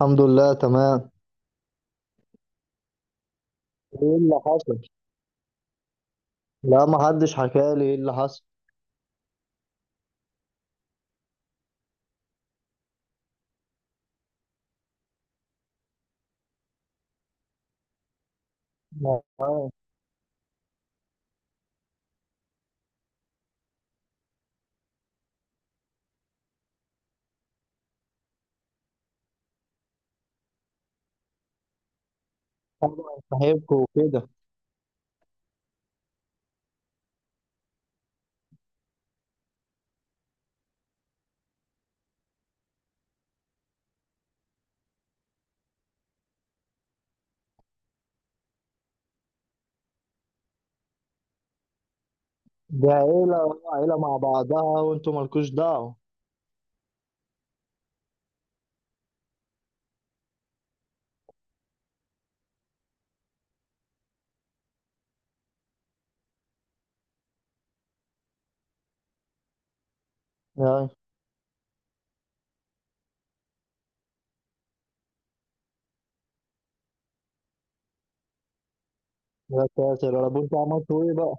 الحمد لله تمام. ايه اللي حصل؟ لا، ما حدش حكى لي ايه اللي حصل. ما- طبعا، صاحبكم وكده. ده عيلة عيلة مع بعضها، وانتوا مالكوش دعوة. يا يا ساتر يا رب، انتوا عملتوا ايه بقى؟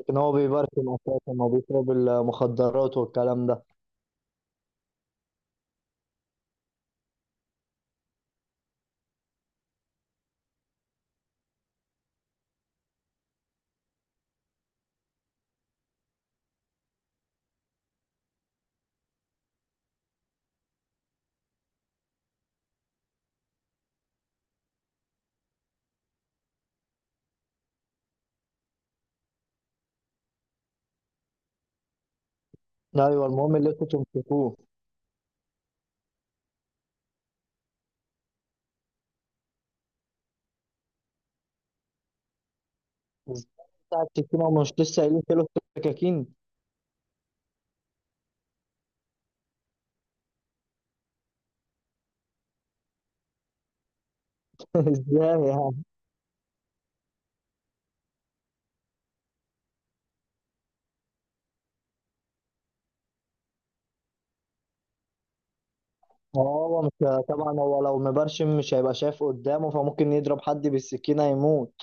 لكن هو بيبركن اساسا، ما بيشرب المخدرات والكلام ده. ايوه، المهم اللي انتوا تمسكوه. ازاي؟ بتاع السكينة؟ ومش لسه قايلين كيلو سكاكين؟ ازاي يعني؟ هو مش. طبعا، هو لو مبرشم مش هيبقى شايف قدامه، فممكن يضرب حد بالسكينة يموت.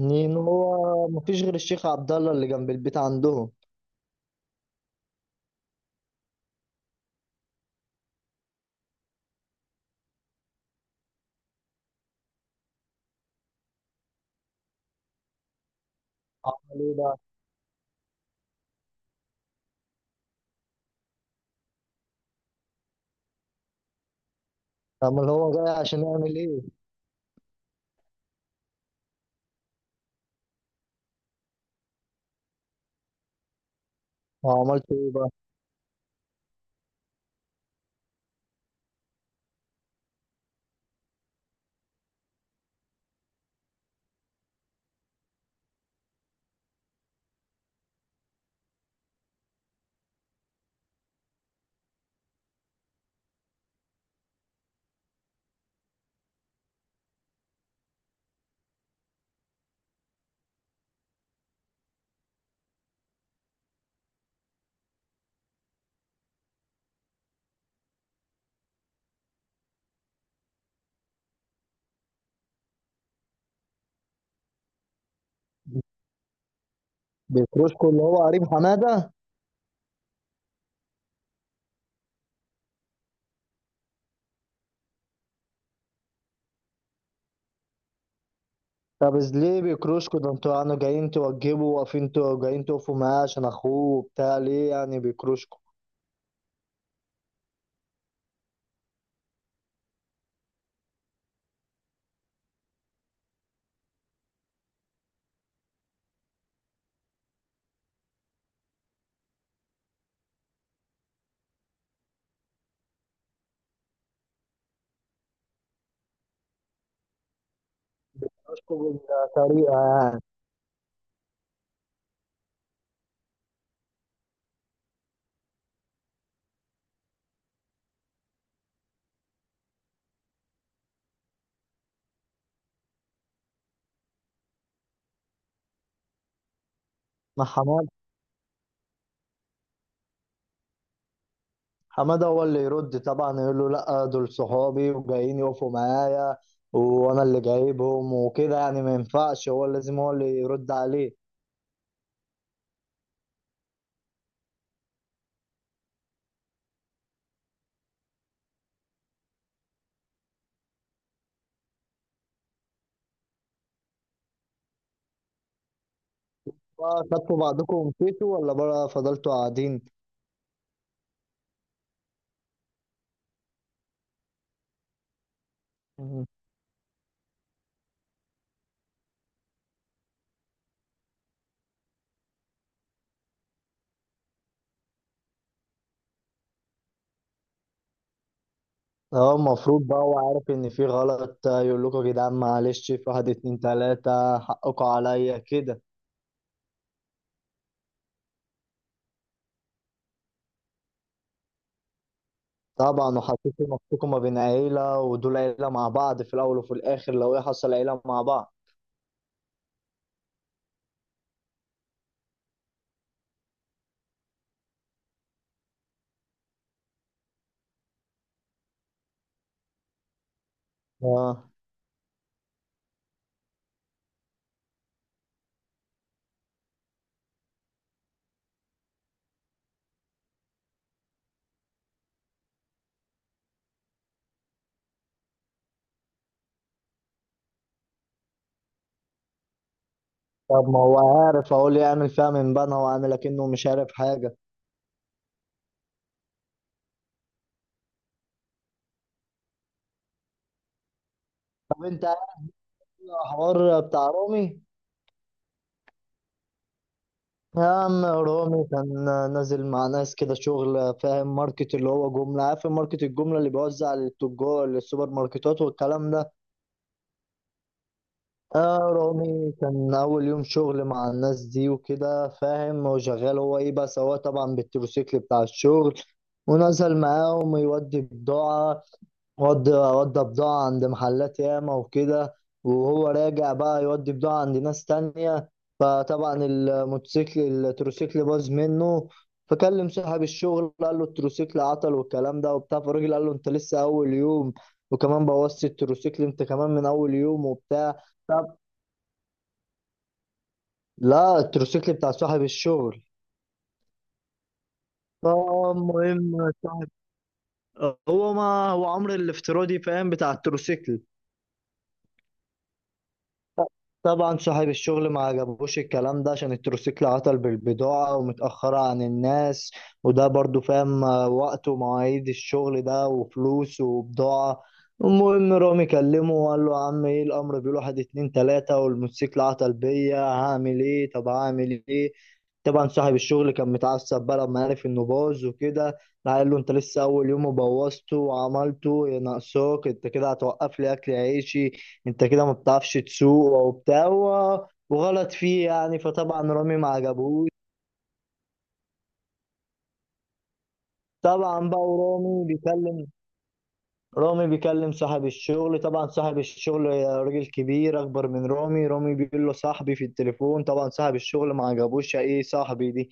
إن هو مفيش غير الشيخ عبد الله اللي جنب البيت عندهم. عمل إيه بقى؟ أمال هو جاي عشان يعمل إيه؟ هو عملت إيه بقى؟ بيكروشكو اللي هو قريب حمادة. طب ليه بيكروشكو ده، انتوا يعني جايين توجبوا واقفين جايين تقفوا معاه عشان أخوه وبتاع، ليه يعني بيكروشكو؟ بيكروشكو بالطريقة يعني. ما حماد حمادة هو اللي يرد طبعا، يقول له لأ، دول صحابي وجايين يقفوا معايا، وأنا اللي جايبهم وكده يعني. ما ينفعش، هو لازم هو اللي يرد عليه. بقى خدتوا بعضكم ومشيتوا، ولا بقى فضلتوا قاعدين؟ مم. اه، المفروض بقى هو عارف ان في غلط، يقول لكم يا جدعان معلش، في واحد اتنين تلاتة حقكم عليا كده. طبعا، وحسيتوا نفسكم ما بين عيلة، ودول عيلة مع بعض في الأول وفي الآخر، لو ايه حصل عيلة مع بعض. اه. طب، ما هو عارف، اقول لي اعمل فيها من بنها، واعمل اكنه مش عارف حاجة. طب، انت عارف الحوار بتاع رامي؟ يا عم، رامي كان نازل مع ناس كده شغل، فاهم؟ ماركت اللي هو جملة، عارف؟ ماركت الجملة اللي بيوزع للتجار للسوبر ماركتات والكلام ده. اه، رامي كان أول يوم شغل مع الناس دي وكده، فاهم؟ وشغال هو إيه، بس هو طبعا بالتروسيكل بتاع الشغل. ونزل معاهم يودي بضاعة. ودي بضاعة عند محلات ياما وكده. وهو راجع بقى يودي بضاعة عند ناس تانية. فطبعا التروسيكل باظ منه. فكلم صاحب الشغل، قال له التروسيكل عطل والكلام ده وبتاع. فالراجل قال له انت لسه اول يوم، وكمان بوظت التروسيكل، انت كمان من اول يوم وبتاع. طب. لا، التروسيكل بتاع صاحب الشغل. فالمهم صاحب. هو ما هو عمرو الافتراضي، فاهم؟ بتاع التروسيكل. طبعا صاحب الشغل ما عجبوش الكلام ده، عشان التروسيكل عطل بالبضاعة ومتأخرة عن الناس. وده برضو فاهم وقت ومواعيد الشغل ده، وفلوس وبضاعة. المهم رامي كلمه وقال له يا عم، ايه الأمر، بيقول واحد اتنين تلاتة، والموتوسيكل عطل بيا، هعمل ايه؟ طب، هعمل ايه؟ طبعا صاحب الشغل كان متعصب بقى لما عرف انه باظ وكده. راح قال له انت لسه اول يوم وبوظته وعملته يا ناقصاك، انت كده هتوقف لي اكل عيشي، انت كده ما بتعرفش تسوق وبتاع وغلط فيه يعني. فطبعا رامي ما عجبهوش. طبعا بقى، ورامي بيكلم رامي بيكلم صاحب الشغل. طبعا صاحب الشغل راجل كبير اكبر من رامي. رامي بيقول له صاحبي في التليفون. طبعا صاحب الشغل ما عجبوش ايه صاحبي دي.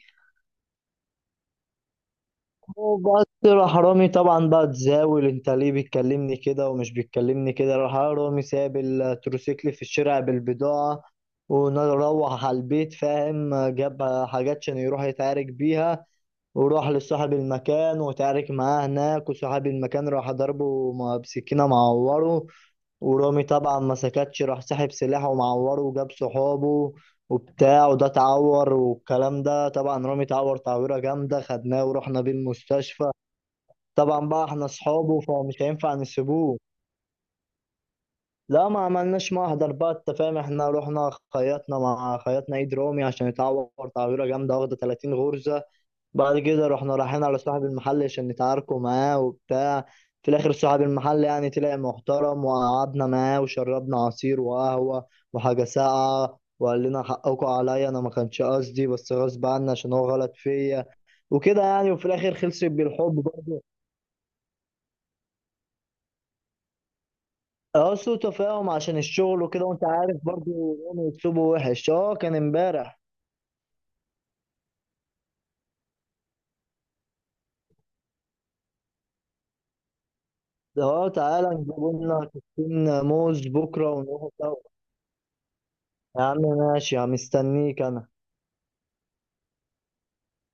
وبس، راح رامي طبعا بقى تزاول، انت ليه بتكلمني كده، ومش بتكلمني كده. راح رامي ساب التروسيكل في الشارع بالبضاعة. وروح على البيت، فاهم؟ جاب حاجات عشان يروح يتعارك بيها. وراح لصاحب المكان، وتعارك معاه هناك، وصاحب المكان راح ضربه بسكينة معوره. ورامي طبعا ما سكتش، راح سحب سلاحه ومعوره، وجاب صحابه وبتاع، وده اتعور والكلام ده. طبعا رامي اتعور تعويرة جامدة، خدناه ورحنا بيه المستشفى. طبعا بقى احنا اصحابه، فمش هينفع نسيبوه. لا، ما عملناش محضر بقى، انت فاهم؟ احنا رحنا خيطنا ايد رامي عشان يتعور تعويره جامده، واخده 30 غرزه. بعد كده رحنا رايحين على صاحب المحل عشان نتعاركوا معاه وبتاع. في الاخر صاحب المحل يعني طلع محترم، وقعدنا معاه وشربنا عصير وقهوه وحاجه ساقعه، وقال لنا حقكم عليا، انا ما كانش قصدي بس غصب عني عشان هو غلط فيا وكده يعني. وفي الاخر خلصت بالحب برضه. اه، سوء تفاهم عشان الشغل وكده، وانت عارف برضو. يوم يكسبوا وحش. اه، كان امبارح. ده، اه، تعالى نجيب لنا كيسين موز بكرة، ونروح سوا. يا عم ماشي، يا عم مستنيك انا.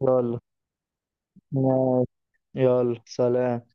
يلا. يلا سلام.